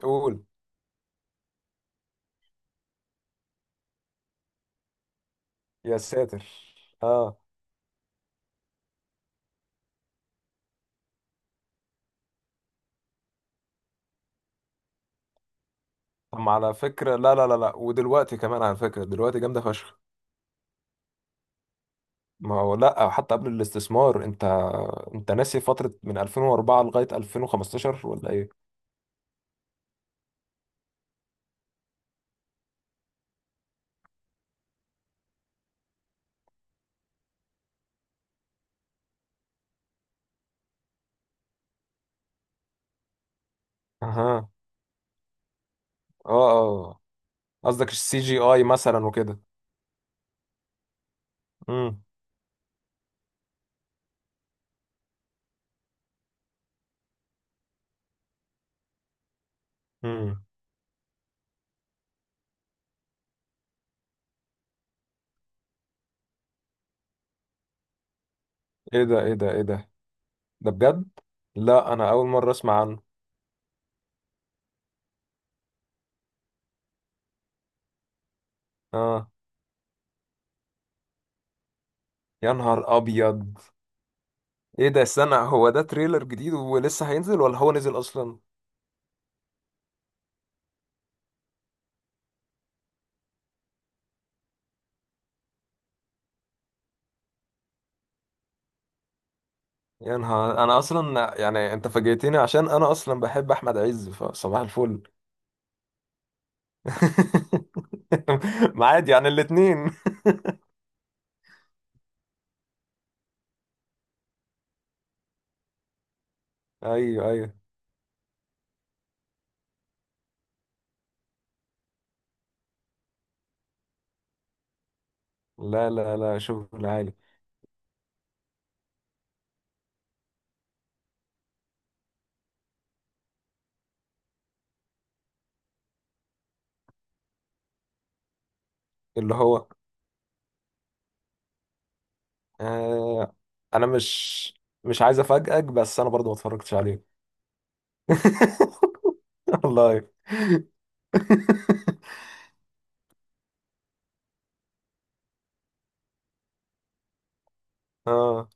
قول. يا ساتر. اه، طب ما على فكرة، لا لا لا لا، ودلوقتي كمان على فكرة دلوقتي جامدة فشخ. ما هو لا، حتى قبل الاستثمار انت ناسي فترة من 2004 لغاية 2015 ولا ايه؟ اها. اه. اه، قصدك السي جي اي مثلا وكده. امم. امم. ايه ده، ايه ده، ايه ده، ده بجد؟ لا، انا اول مرة اسمع عنه. اه، يا نهار ابيض. ايه ده، استنى، هو ده تريلر جديد ولسه هينزل ولا هو نزل اصلا؟ يا نهار، انا اصلا يعني انت فاجئتني عشان انا اصلا بحب احمد عز، فصباح الفل. معادي يعني الاتنين. ايوه ايوه. لا لا لا، شغل عالي. اللي هو آه، انا مش عايز افاجئك، بس انا برضو ما اتفرجتش عليه. والله. اه،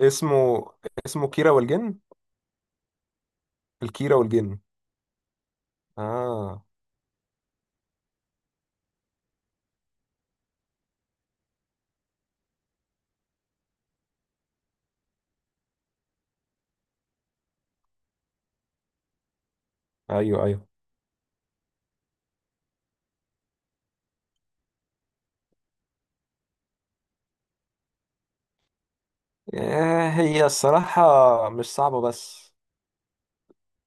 اسمه اسمه كيرة والجن. الكيرة والجن. اه. ايوه ايوه. آه، هي الصراحة مش صعبة بس.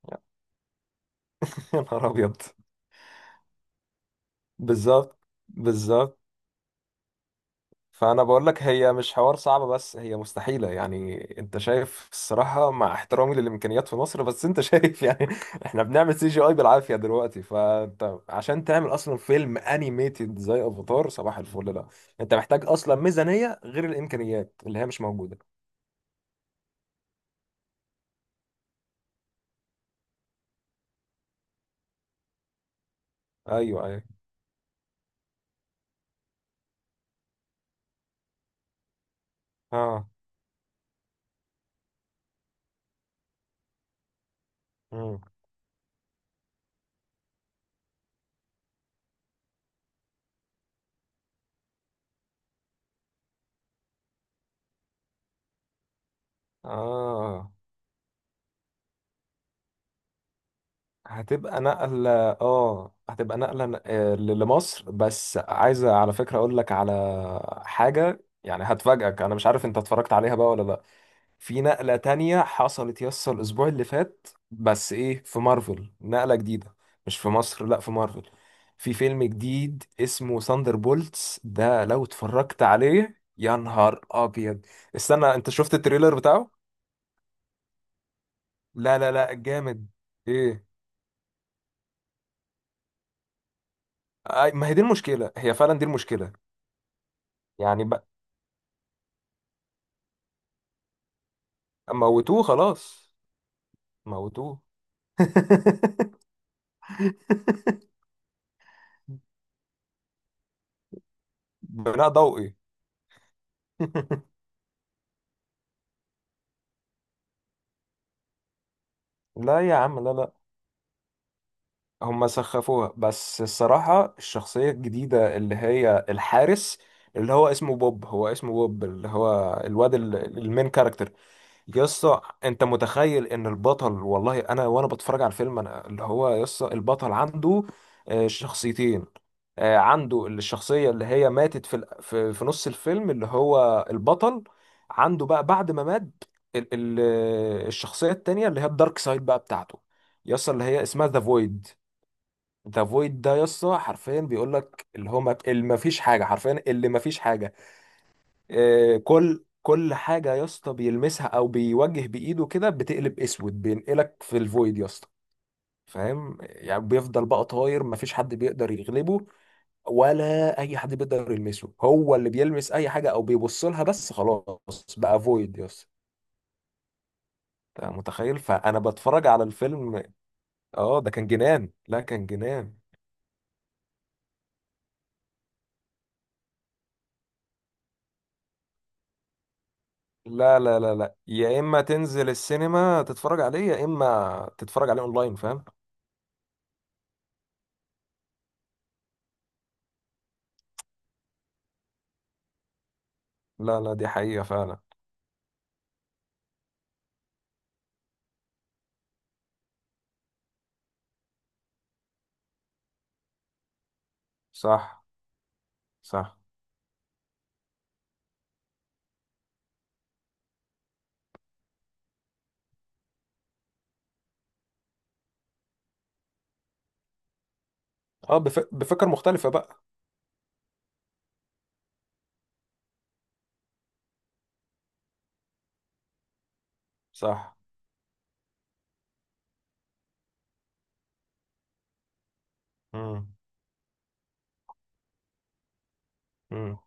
يا نهار ابيض. بالظبط، بالظبط. فانا بقول لك هي مش حوار صعب، بس هي مستحيله، يعني انت شايف الصراحه، مع احترامي للامكانيات في مصر، بس انت شايف يعني، احنا بنعمل سي جي اي بالعافيه دلوقتي، فانت عشان تعمل اصلا فيلم انيميتد زي افاتار، صباح الفل لا. انت محتاج اصلا ميزانيه غير الامكانيات اللي هي مش موجوده. ايوه ايوه. اه. مم. اه، هتبقى نقلة. اه، هتبقى نقلة آه، لمصر. بس عايزة على فكرة اقول لك على حاجة يعني هتفاجئك، انا مش عارف انت اتفرجت عليها بقى ولا لا. في نقلة تانية حصلت، يس، الاسبوع اللي فات، بس ايه، في مارفل نقلة جديدة. مش في مصر، لا في مارفل. في فيلم جديد اسمه ثاندر بولتس، ده لو اتفرجت عليه يا نهار ابيض. استنى، انت شفت التريلر بتاعه؟ لا لا لا، جامد. ايه؟ ما هي دي المشكلة، هي فعلا دي المشكلة. يعني بقى. موتوه خلاص. موتوه. بناء ضوئي. لا يا عم، لا لا. هم سخفوها، بس الصراحة الشخصية الجديدة اللي هي الحارس، اللي هو اسمه بوب، هو اسمه بوب، اللي هو الواد المين كاركتر. يسطا، انت متخيل ان البطل، والله انا وانا بتفرج على الفيلم، انا اللي هو يسطا البطل عنده آه، شخصيتين. آه، عنده الشخصية اللي هي ماتت في نص الفيلم، اللي هو البطل. عنده بقى، بعد ما مات ال- ال- آه، الشخصية التانية اللي هي الدارك سايد بقى بتاعته. يسطا، اللي هي اسمها ذا فويد. ذا فويد ده يسطا حرفيا بيقول لك اللي هو ما فيش حاجة، حرفيا اللي ما فيش حاجة. آه، كل كل حاجة يا اسطى بيلمسها او بيوجه بايده كده بتقلب اسود، بينقلك في الفويد يا اسطى. فاهم، يعني بيفضل بقى طاير، مفيش حد بيقدر يغلبه، ولا اي حد بيقدر يلمسه، هو اللي بيلمس اي حاجة او بيبص لها، بس خلاص بقى فويد يا اسطى. أنت متخيل، فانا بتفرج على الفيلم. اه ده كان جنان، لا كان جنان. لا لا لا لا، يا اما تنزل السينما تتفرج عليه، يا اما تتفرج عليه اونلاين فاهم. لا لا، دي حقيقة فعلا. صح. صح. اه، بفكر مختلفة بقى. صح. امم. امم.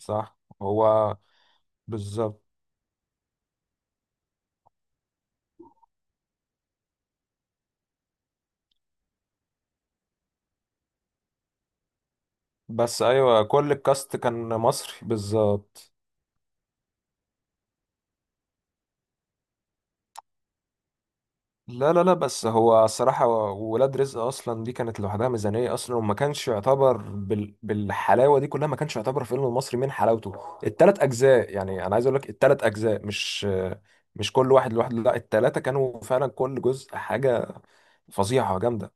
صح. هو. بالظبط. بس ايوه، كل الكاست كان مصري بالظبط. لا لا لا، بس هو الصراحة. ولاد رزق اصلا دي كانت لوحدها ميزانية اصلا، وما كانش يعتبر بالحلاوة دي كلها، ما كانش يعتبر فيلم مصري من حلاوته التلات اجزاء. يعني انا عايز اقول لك التلات اجزاء مش كل واحد لوحده، لا التلاتة كانوا فعلا كل جزء حاجة فظيعة جامدة.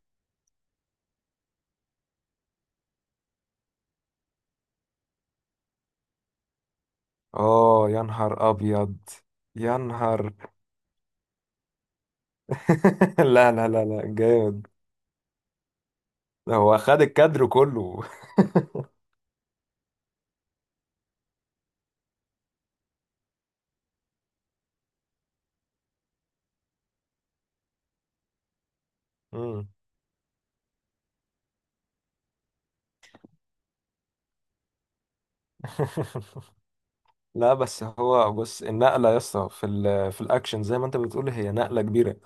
اه، يا نهار ابيض. يا نهار. لا لا لا لا، جامد. هو خد الكادر كله. مم. لا، بس هو بص، النقلة يا اسطى في الأكشن زي ما أنت بتقول هي نقلة كبيرة.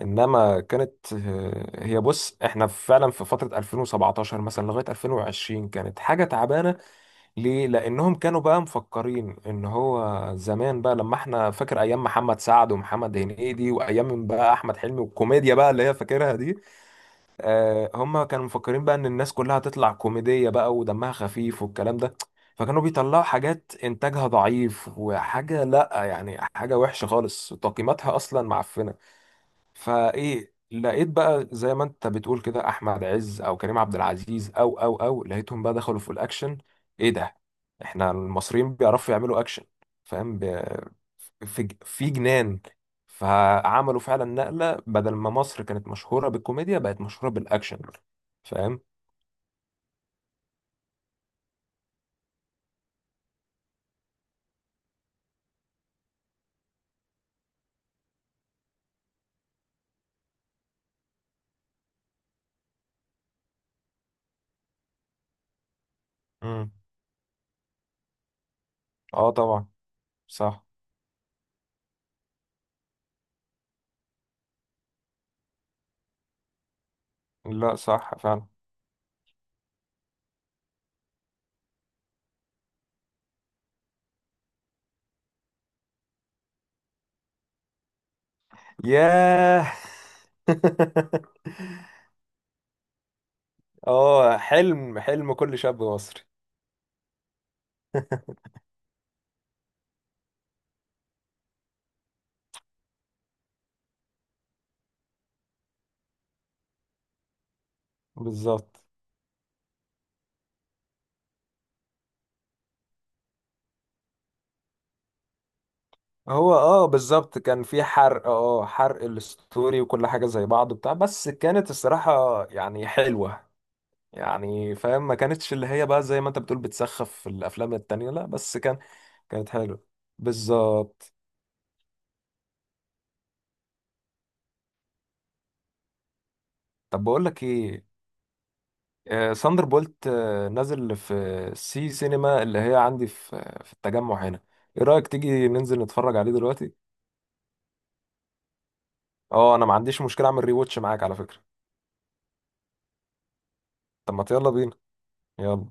إنما كانت آه، هي بص، إحنا فعلا في فترة 2017 مثلا لغاية 2020 كانت حاجة تعبانة. ليه؟ لأنهم كانوا بقى مفكرين إن هو زمان بقى، لما إحنا فاكر أيام محمد سعد ومحمد هنيدي وأيام بقى أحمد حلمي والكوميديا بقى اللي هي فاكرها دي. آه، هم كانوا مفكرين بقى ان الناس كلها هتطلع كوميدية بقى ودمها خفيف والكلام ده. فكانوا بيطلعوا حاجات انتاجها ضعيف، وحاجة لا يعني، حاجة وحشة خالص تقييماتها اصلا معفنة. فايه، لقيت بقى زي ما انت بتقول كده احمد عز او كريم عبد العزيز او لقيتهم بقى دخلوا في الاكشن. ايه ده، احنا المصريين بيعرفوا يعملوا اكشن فاهم. في جنان. فعملوا فعلا نقلة بدل ما مصر كانت مشهورة بالكوميديا بقت مشهورة بالاكشن فاهم. امم. اه طبعا. صح. لا صح فعلا. ياه. اه، حلم، حلم كل شاب مصري. بالظبط. هو اه بالظبط كان في حرق، اه حرق الستوري وكل حاجة زي بعض وبتاع، بس كانت الصراحة يعني حلوة. يعني فاهم ما كانتش اللي هي بقى زي ما انت بتقول بتسخف في الافلام التانية، لا بس كان. كانت حلوة. بالظبط. طب بقول لك ايه. آه ساندر بولت نازل في سي سينما اللي هي عندي في التجمع هنا. ايه رأيك تيجي ننزل نتفرج عليه دلوقتي؟ اه، انا ما عنديش مشكلة، اعمل ريواتش معاك على فكرة. طب ما يلا بينا. يلا